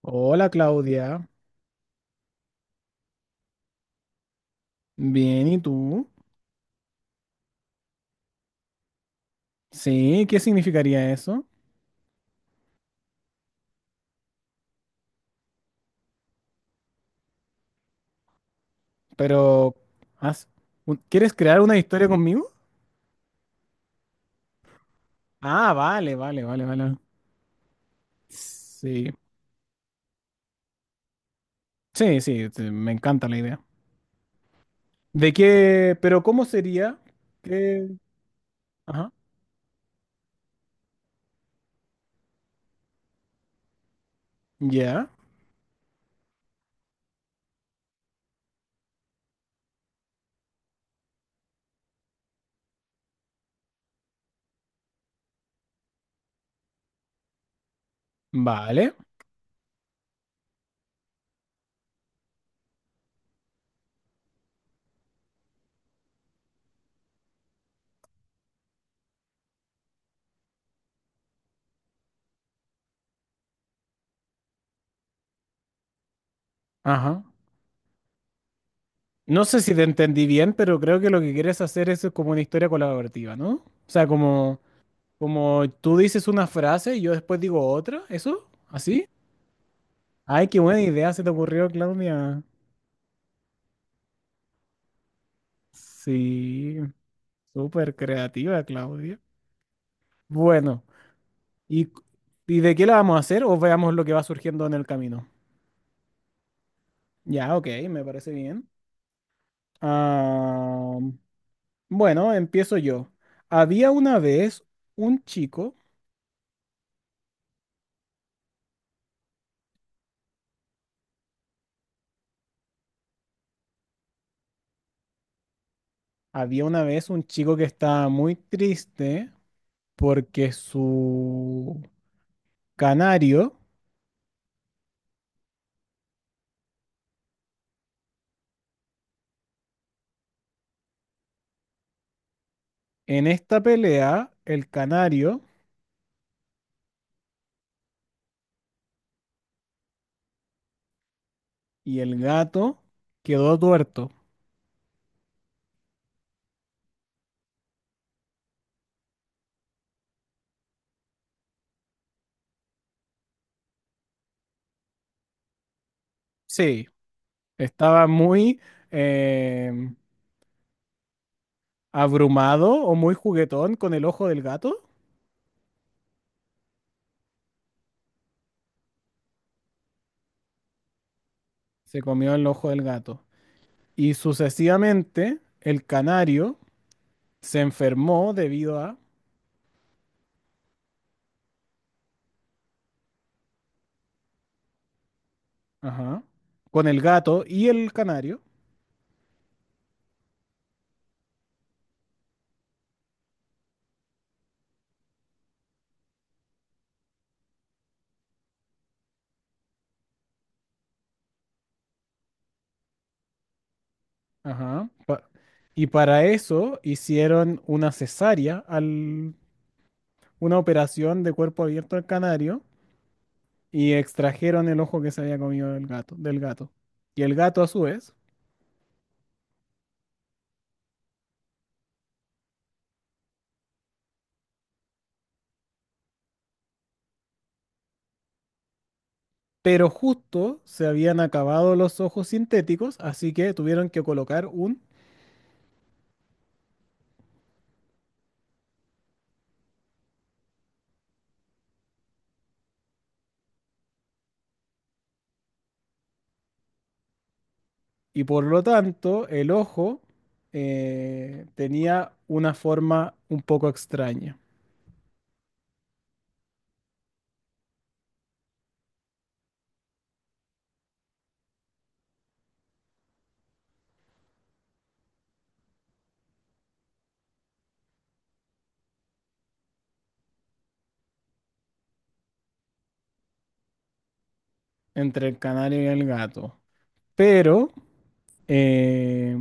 Hola Claudia, bien, ¿y tú? Sí, ¿qué significaría eso? Pero, ¿has- ¿quieres crear una historia conmigo? Ah, vale, vale, vale, vale. Sí, sí, sí, me encanta la idea. ¿De qué? Pero ¿cómo sería? ¿Qué? Ajá, ya, vale, ajá. No sé si te entendí bien, pero creo que lo que quieres hacer es como una historia colaborativa, ¿no? O sea, como, como tú dices una frase y yo después digo otra, ¿eso? ¿Así? Ay, qué buena idea se te ocurrió, Claudia. Sí, súper creativa, Claudia. Bueno, ¿y, y de qué la vamos a hacer o veamos lo que va surgiendo en el camino? Ya, ok, me parece bien. Ah, bueno, empiezo yo. Había una vez un chico, había una vez un chico que estaba muy triste porque su canario, en esta pelea, el canario y el gato quedó tuerto. Sí, estaba muy em, abrumado o muy juguetón con el ojo del gato. Se comió el ojo del gato. Y sucesivamente el canario se enfermó debido a, ajá, con el gato y el canario. Ajá. Y para eso hicieron una cesárea, al, una operación de cuerpo abierto al canario y extrajeron el ojo que se había comido del gato, del gato. Y el gato a su vez pero justo se habían acabado los ojos sintéticos, así que tuvieron que colocar un, y por lo tanto el ojo tenía una forma un poco extraña entre el canario y el gato. Pero, eh,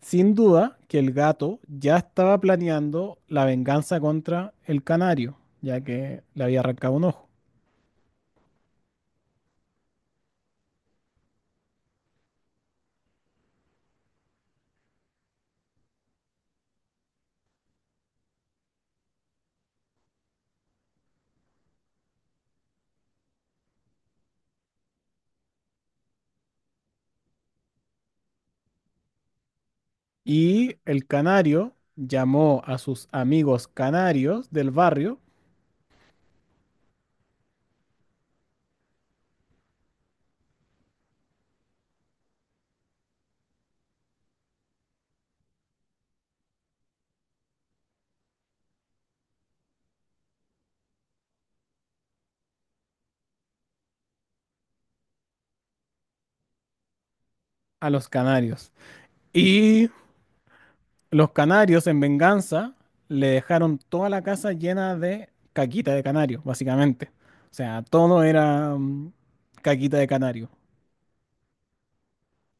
sin duda que el gato ya estaba planeando la venganza contra el canario, ya que le había arrancado un ojo. Y el canario llamó a sus amigos canarios del barrio a los canarios. Y los canarios, en venganza, le dejaron toda la casa llena de caquita de canario, básicamente. O sea, todo era caquita de canario.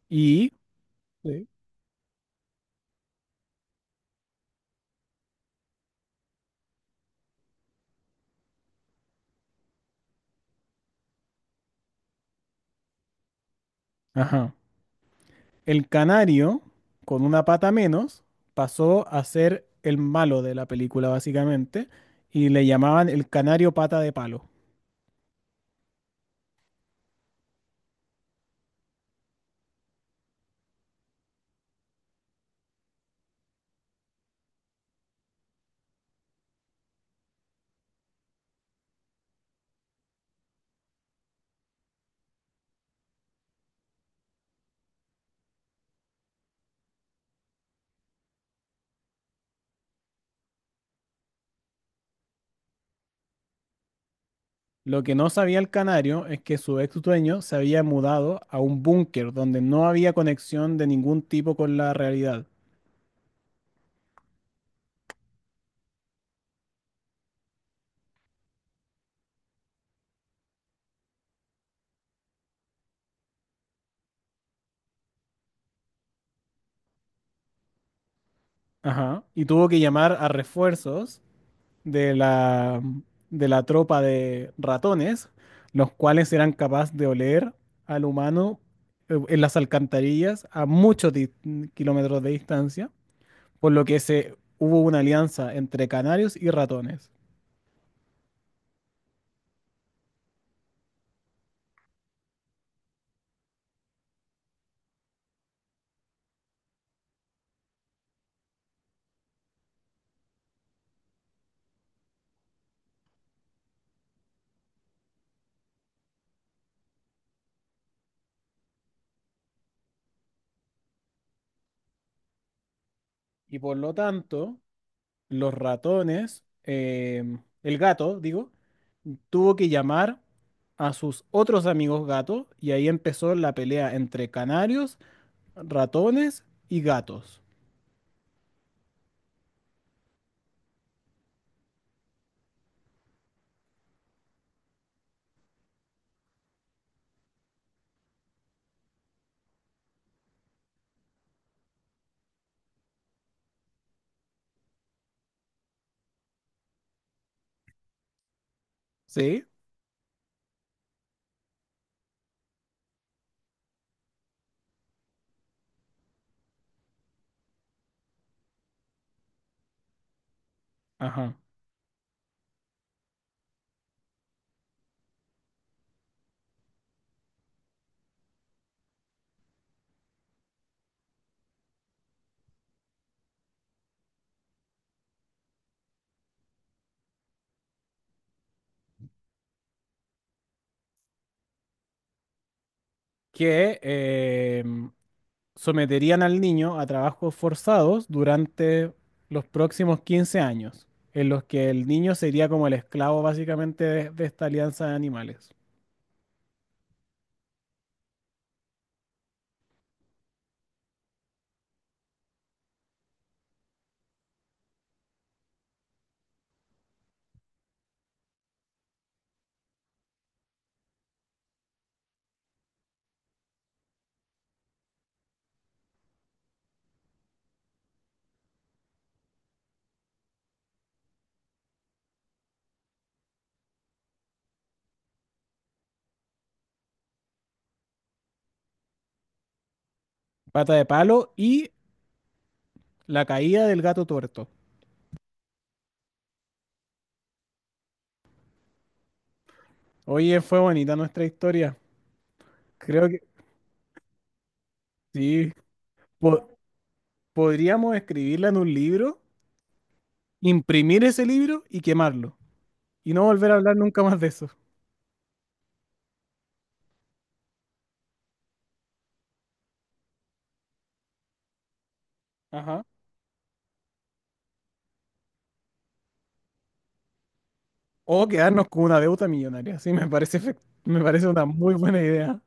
Y, sí. Ajá, el canario, con una pata menos, pasó a ser el malo de la película, básicamente, y le llamaban el canario pata de palo. Lo que no sabía el canario es que su ex dueño se había mudado a un búnker donde no había conexión de ningún tipo con la realidad. Ajá. Y tuvo que llamar a refuerzos de la, de la tropa de ratones, los cuales eran capaces de oler al humano en las alcantarillas a muchos kilómetros de distancia, por lo que se, hubo una alianza entre canarios y ratones. Y por lo tanto, los ratones, el gato, digo, tuvo que llamar a sus otros amigos gatos y ahí empezó la pelea entre canarios, ratones y gatos. ¿Sí? Ajá. Que someterían al niño a trabajos forzados durante los próximos 15 años, en los que el niño sería como el esclavo básicamente de esta alianza de animales. Pata de palo y la caída del gato tuerto. Oye, fue bonita nuestra historia. Creo que sí. po- podríamos escribirla en un libro, imprimir ese libro y quemarlo. Y no volver a hablar nunca más de eso. Ajá. O quedarnos con una deuda millonaria. Sí, me parece, me parece una muy buena idea.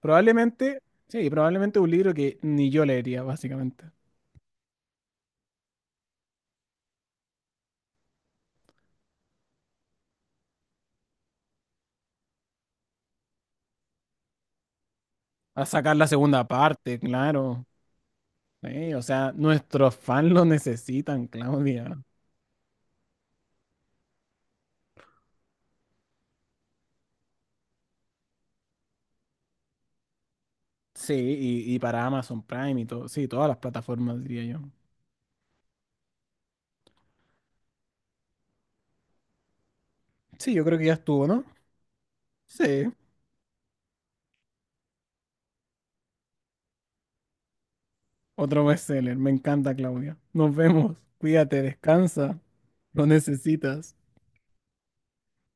Probablemente, sí, probablemente un libro que ni yo leería, básicamente. A sacar la segunda parte, claro. Sí, o sea, nuestros fans lo necesitan, Claudia. Sí, y para Amazon Prime y todo, sí, todas las plataformas, diría yo. Sí, yo creo que ya estuvo, ¿no? Sí, otro bestseller. Me encanta, Claudia. Nos vemos. Cuídate, descansa. Lo necesitas.